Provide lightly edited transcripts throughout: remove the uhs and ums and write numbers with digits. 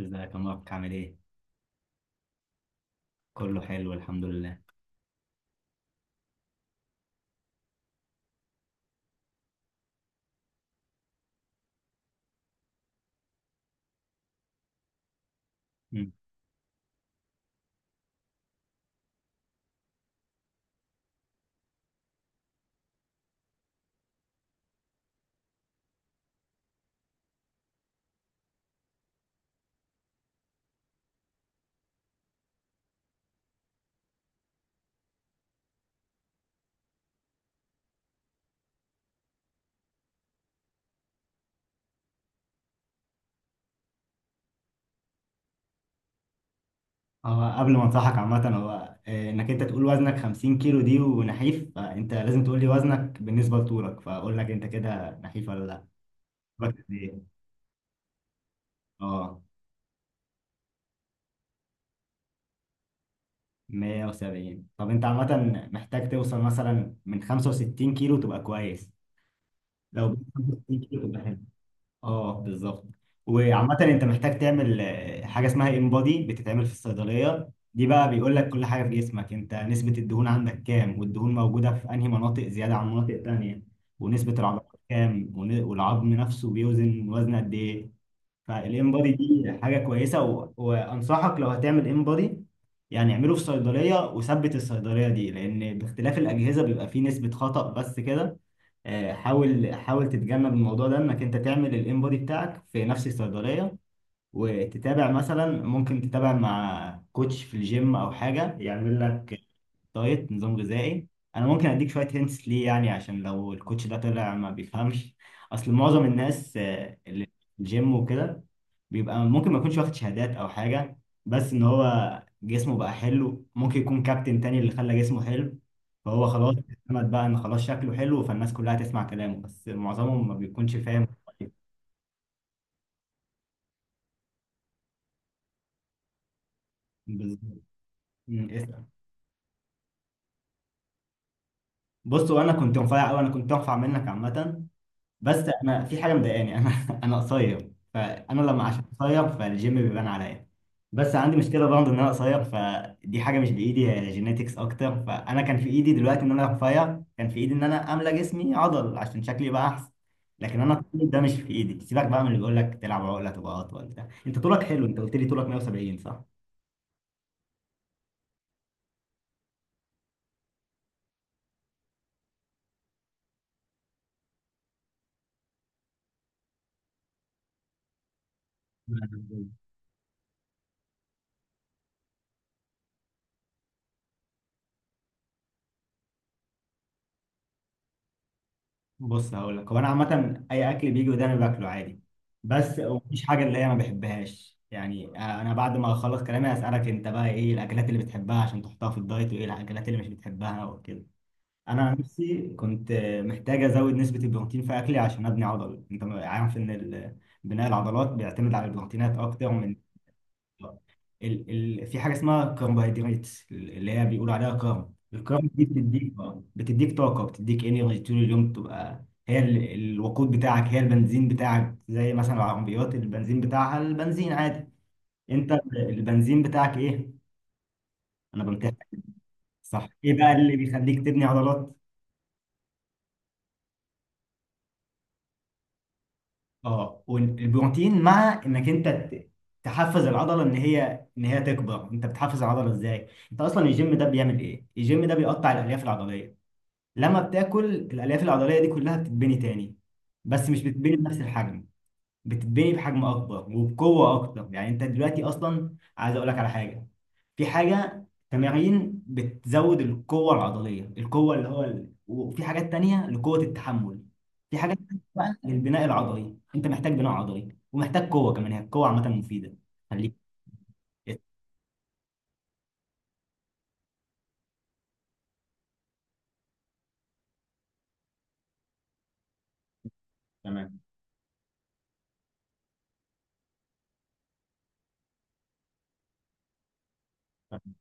ازيك يا مبارك؟ عامل ايه؟ كله حلو الحمد لله. مم. هو قبل ما انصحك عامة، هو انك انت تقول وزنك 50 كيلو دي ونحيف، فانت لازم تقول لي وزنك بالنسبة لطولك، فاقول لك انت كده نحيف ولا لا. وزنك قد ايه؟ اه. 170، طب انت عامة محتاج توصل مثلا من 65 كيلو تبقى كويس. لو بقيت 65 كيلو تبقى حلو. اه بالظبط. وعامة انت محتاج تعمل حاجة اسمها انبادي بتتعمل في الصيدلية. دي بقى بيقول لك كل حاجة في جسمك، انت نسبة الدهون عندك كام، والدهون موجودة في انهي مناطق زيادة عن مناطق تانية، ونسبة العضلات كام والعظم نفسه بيوزن وزن قد ايه. فالانبادي دي حاجة كويسة وانصحك لو هتعمل انبادي، يعني اعمله في صيدلية، وثبت الصيدلية دي لان باختلاف الأجهزة بيبقى فيه نسبة خطأ. بس كده. حاول حاول تتجنب الموضوع ده، انك انت تعمل الانبودي بتاعك في نفس الصيدليه. وتتابع مثلا، ممكن تتابع مع كوتش في الجيم او حاجه يعمل لك دايت، نظام غذائي. انا ممكن اديك شويه هنتس ليه، يعني عشان لو الكوتش ده طلع ما بيفهمش. اصل معظم الناس اللي في الجيم وكده بيبقى ممكن ما يكونش واخد شهادات او حاجه، بس ان هو جسمه بقى حلو. ممكن يكون كابتن تاني اللي خلى جسمه حلو، فهو خلاص اعتمد بقى ان خلاص شكله حلو، فالناس كلها تسمع كلامه، بس معظمهم ما بيكونش فاهم. بالظبط. اسأل. بص، وانا كنت مفيع قوي، انا كنت انفع منك عامه. بس انا في حاجه مضايقاني، انا انا قصير، فانا لما عشان قصير فالجيم بيبان عليا. بس عندي مشكله برضه ان انا قصير، فدي حاجه مش بايدي، هي جينيتكس اكتر. فانا كان في ايدي دلوقتي ان انا رفيع، كان في ايدي ان انا املى جسمي عضل عشان شكلي يبقى احسن. لكن انا طولي ده مش في ايدي. سيبك بقى من اللي بيقول لك تلعب عقله تبقى اطول، ده انت طولك حلو، انت قلت لي طولك 170. صح. بص هقول لك، هو انا عامه اي اكل بيجي قدامي باكله عادي، بس مفيش حاجه اللي هي ما بحبهاش. يعني انا بعد ما اخلص كلامي هسالك انت بقى ايه الاكلات اللي بتحبها عشان تحطها في الدايت، وايه الاكلات اللي مش بتحبها وكده. انا عن نفسي كنت محتاج ازود نسبه البروتين في اكلي عشان ابني عضل. انت عارف ان بناء العضلات بيعتمد على البروتينات اكتر من ال ال في حاجه اسمها كربوهيدرات اللي هي بيقولوا عليها كارب. الكارب دي بتديك طاقه، بتديك انرجي طول اليوم، تبقى هي الوقود بتاعك، هي البنزين بتاعك. زي مثلا العربيات البنزين بتاعها البنزين عادي، انت البنزين بتاعك ايه؟ انا بمتحن. صح. ايه بقى اللي بيخليك تبني عضلات؟ اه، والبروتين. مع انك انت تحفز العضله ان هي تكبر. انت بتحفز العضله ازاي؟ انت اصلا الجيم ده بيعمل ايه؟ الجيم ده بيقطع الالياف العضليه. لما بتاكل، الالياف العضليه دي كلها بتتبني تاني. بس مش بتتبني بنفس الحجم، بتتبني بحجم اكبر وبقوه اكتر. يعني انت دلوقتي اصلا عايز اقول لك على حاجه. في حاجه تمارين بتزود القوه العضليه، القوه اللي هو وفي حاجات تانية لقوه التحمل. في حاجات تانية بقى للبناء العضلي. انت محتاج بناء عضلي ومحتاج قوه كمان، هي القوه عامه مفيده. خليك. تمام. تمام.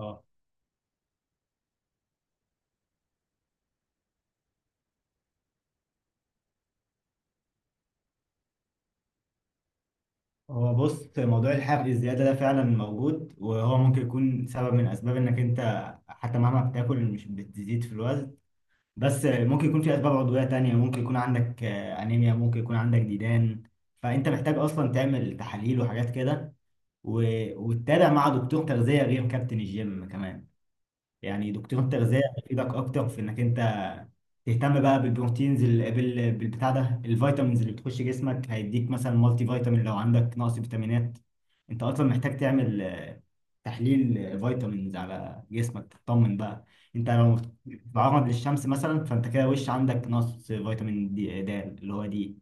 اه. هو بص، موضوع الحرق الزيادة ده فعلا موجود، وهو ممكن يكون سبب من أسباب إنك أنت حتى مهما بتاكل مش بتزيد في الوزن. بس ممكن يكون في أسباب عضوية تانية. ممكن يكون عندك أنيميا، ممكن يكون عندك ديدان. فأنت محتاج أصلا تعمل تحاليل وحاجات كده، وتتابع مع دكتور تغذية غير كابتن الجيم كمان. يعني دكتور تغذية هيفيدك أكتر في إنك أنت تهتم بقى بالبروتينز، بالبتاع ده. الفيتامينز اللي بتخش جسمك، هيديك مثلا مالتي فيتامين لو عندك نقص فيتامينات. أنت أصلا محتاج تعمل تحليل فيتامينز على جسمك تطمن بقى. أنت لو بتتعرض للشمس مثلا، فأنت كده وش عندك نقص فيتامين دي، د اللي هو دي.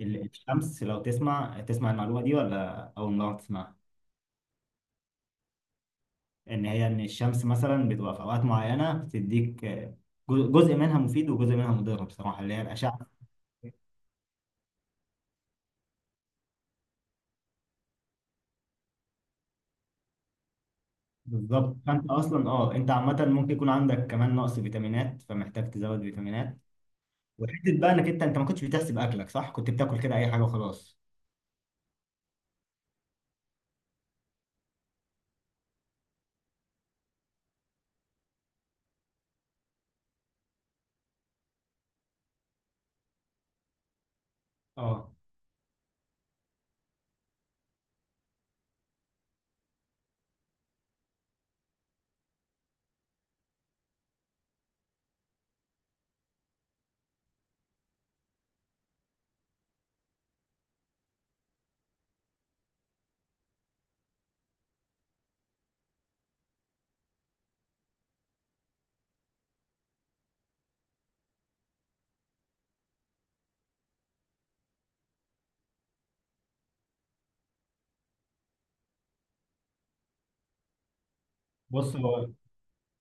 الشمس، لو تسمع المعلومة دي، ولا أول مرة تسمعها؟ ان هي ان الشمس مثلا بتبقى في اوقات معينه، بتديك جزء منها مفيد وجزء منها مضر بصراحه، اللي هي الاشعه. بالظبط. فانت اصلا انت عامه ممكن يكون عندك كمان نقص فيتامينات، فمحتاج تزود فيتامينات. وحته بقى انك انت ما كنتش بتحسب اكلك صح، كنت بتاكل كده اي حاجه وخلاص. اه. بص هو،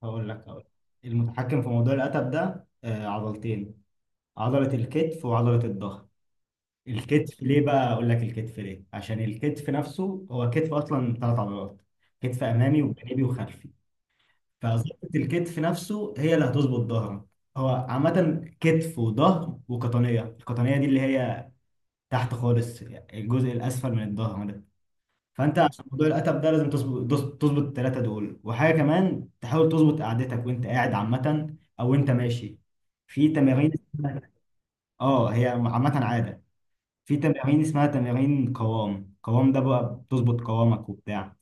هقول لك. المتحكم في موضوع الاتب ده عضلتين: عضله الكتف وعضله الظهر. الكتف ليه بقى اقول لك؟ الكتف ليه عشان الكتف نفسه هو كتف اصلا ثلاث عضلات: كتف امامي وجانبي وخلفي. فظبطة الكتف نفسه هي اللي هتظبط ظهرك. هو عامة كتف وظهر وقطنية. القطنية دي اللي هي تحت خالص، الجزء الأسفل من الظهر ده. فأنت عشان موضوع القتب ده لازم تظبط التلاتة دول، وحاجة كمان تحاول تظبط قعدتك وأنت قاعد عامة أو أنت ماشي. في تمارين اسمها- اه، هي عامة عادة. في تمارين اسمها تمارين قوام. قوام ده بقى بتظبط قوامك وبتاع.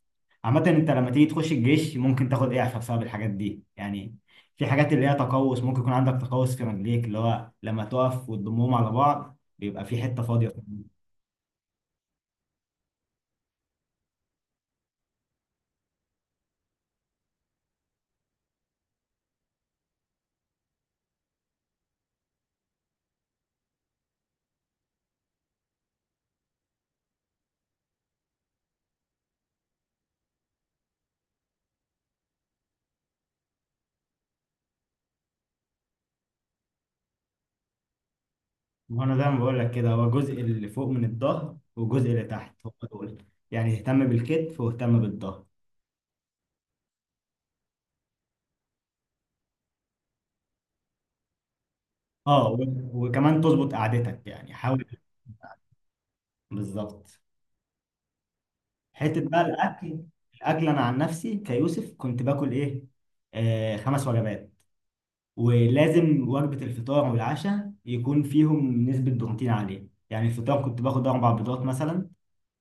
عامة انت لما تيجي تخش الجيش ممكن تاخد اعفاء بسبب الحاجات دي، يعني في حاجات اللي هي تقوس، ممكن يكون عندك تقوس في رجليك، اللي هو لما تقف وتضمهم على بعض بيبقى في حتة فاضية. وانا زي ما بقول لك كده، هو الجزء اللي فوق من الظهر والجزء اللي تحت هو دول. يعني اهتم بالكتف واهتم بالظهر. اه، وكمان تظبط قعدتك، يعني حاول. بالظبط. حته بقى الاكل. الاكل انا عن نفسي كيوسف كنت باكل ايه؟ آه، خمس وجبات. ولازم وجبه الفطار والعشاء يكون فيهم نسبه بروتين عاليه. يعني الفطار كنت باخد اربع بيضات مثلا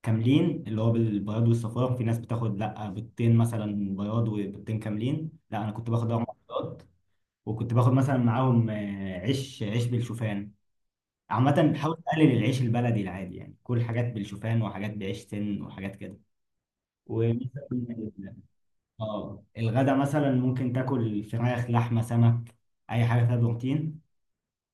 كاملين، اللي هو بالبياض والصفار. في ناس بتاخد لا بيضتين، مثلا بياض وبيضتين كاملين، لا انا كنت باخد اربع بيضات. وكنت باخد مثلا معاهم عيش بالشوفان. عامة بحاول أقلل العيش البلدي العادي، يعني كل حاجات بالشوفان وحاجات بعيش سن وحاجات كده. و اه الغدا مثلا ممكن تاكل فراخ لحمه سمك، اي حاجه فيها بروتين.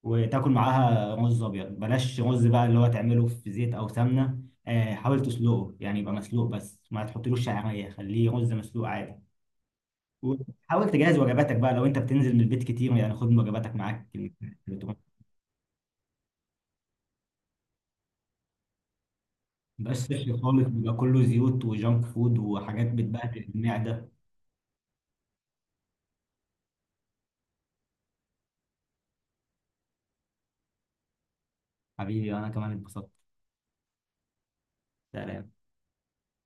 وتاكل معاها رز ابيض. بلاش رز بقى اللي هو تعمله في زيت او سمنه. حاول تسلقه يعني يبقى مسلوق، بس ما تحطلوش شعريه، خليه رز مسلوق عادي. وحاول تجهز وجباتك بقى لو انت بتنزل من البيت كتير، يعني خد وجباتك معاك. ما بقاش صحي خالص، بيبقى كله زيوت وجانك فود وحاجات بتبهدل المعده. حبيبي، انا كمان اتبسطت. سلام.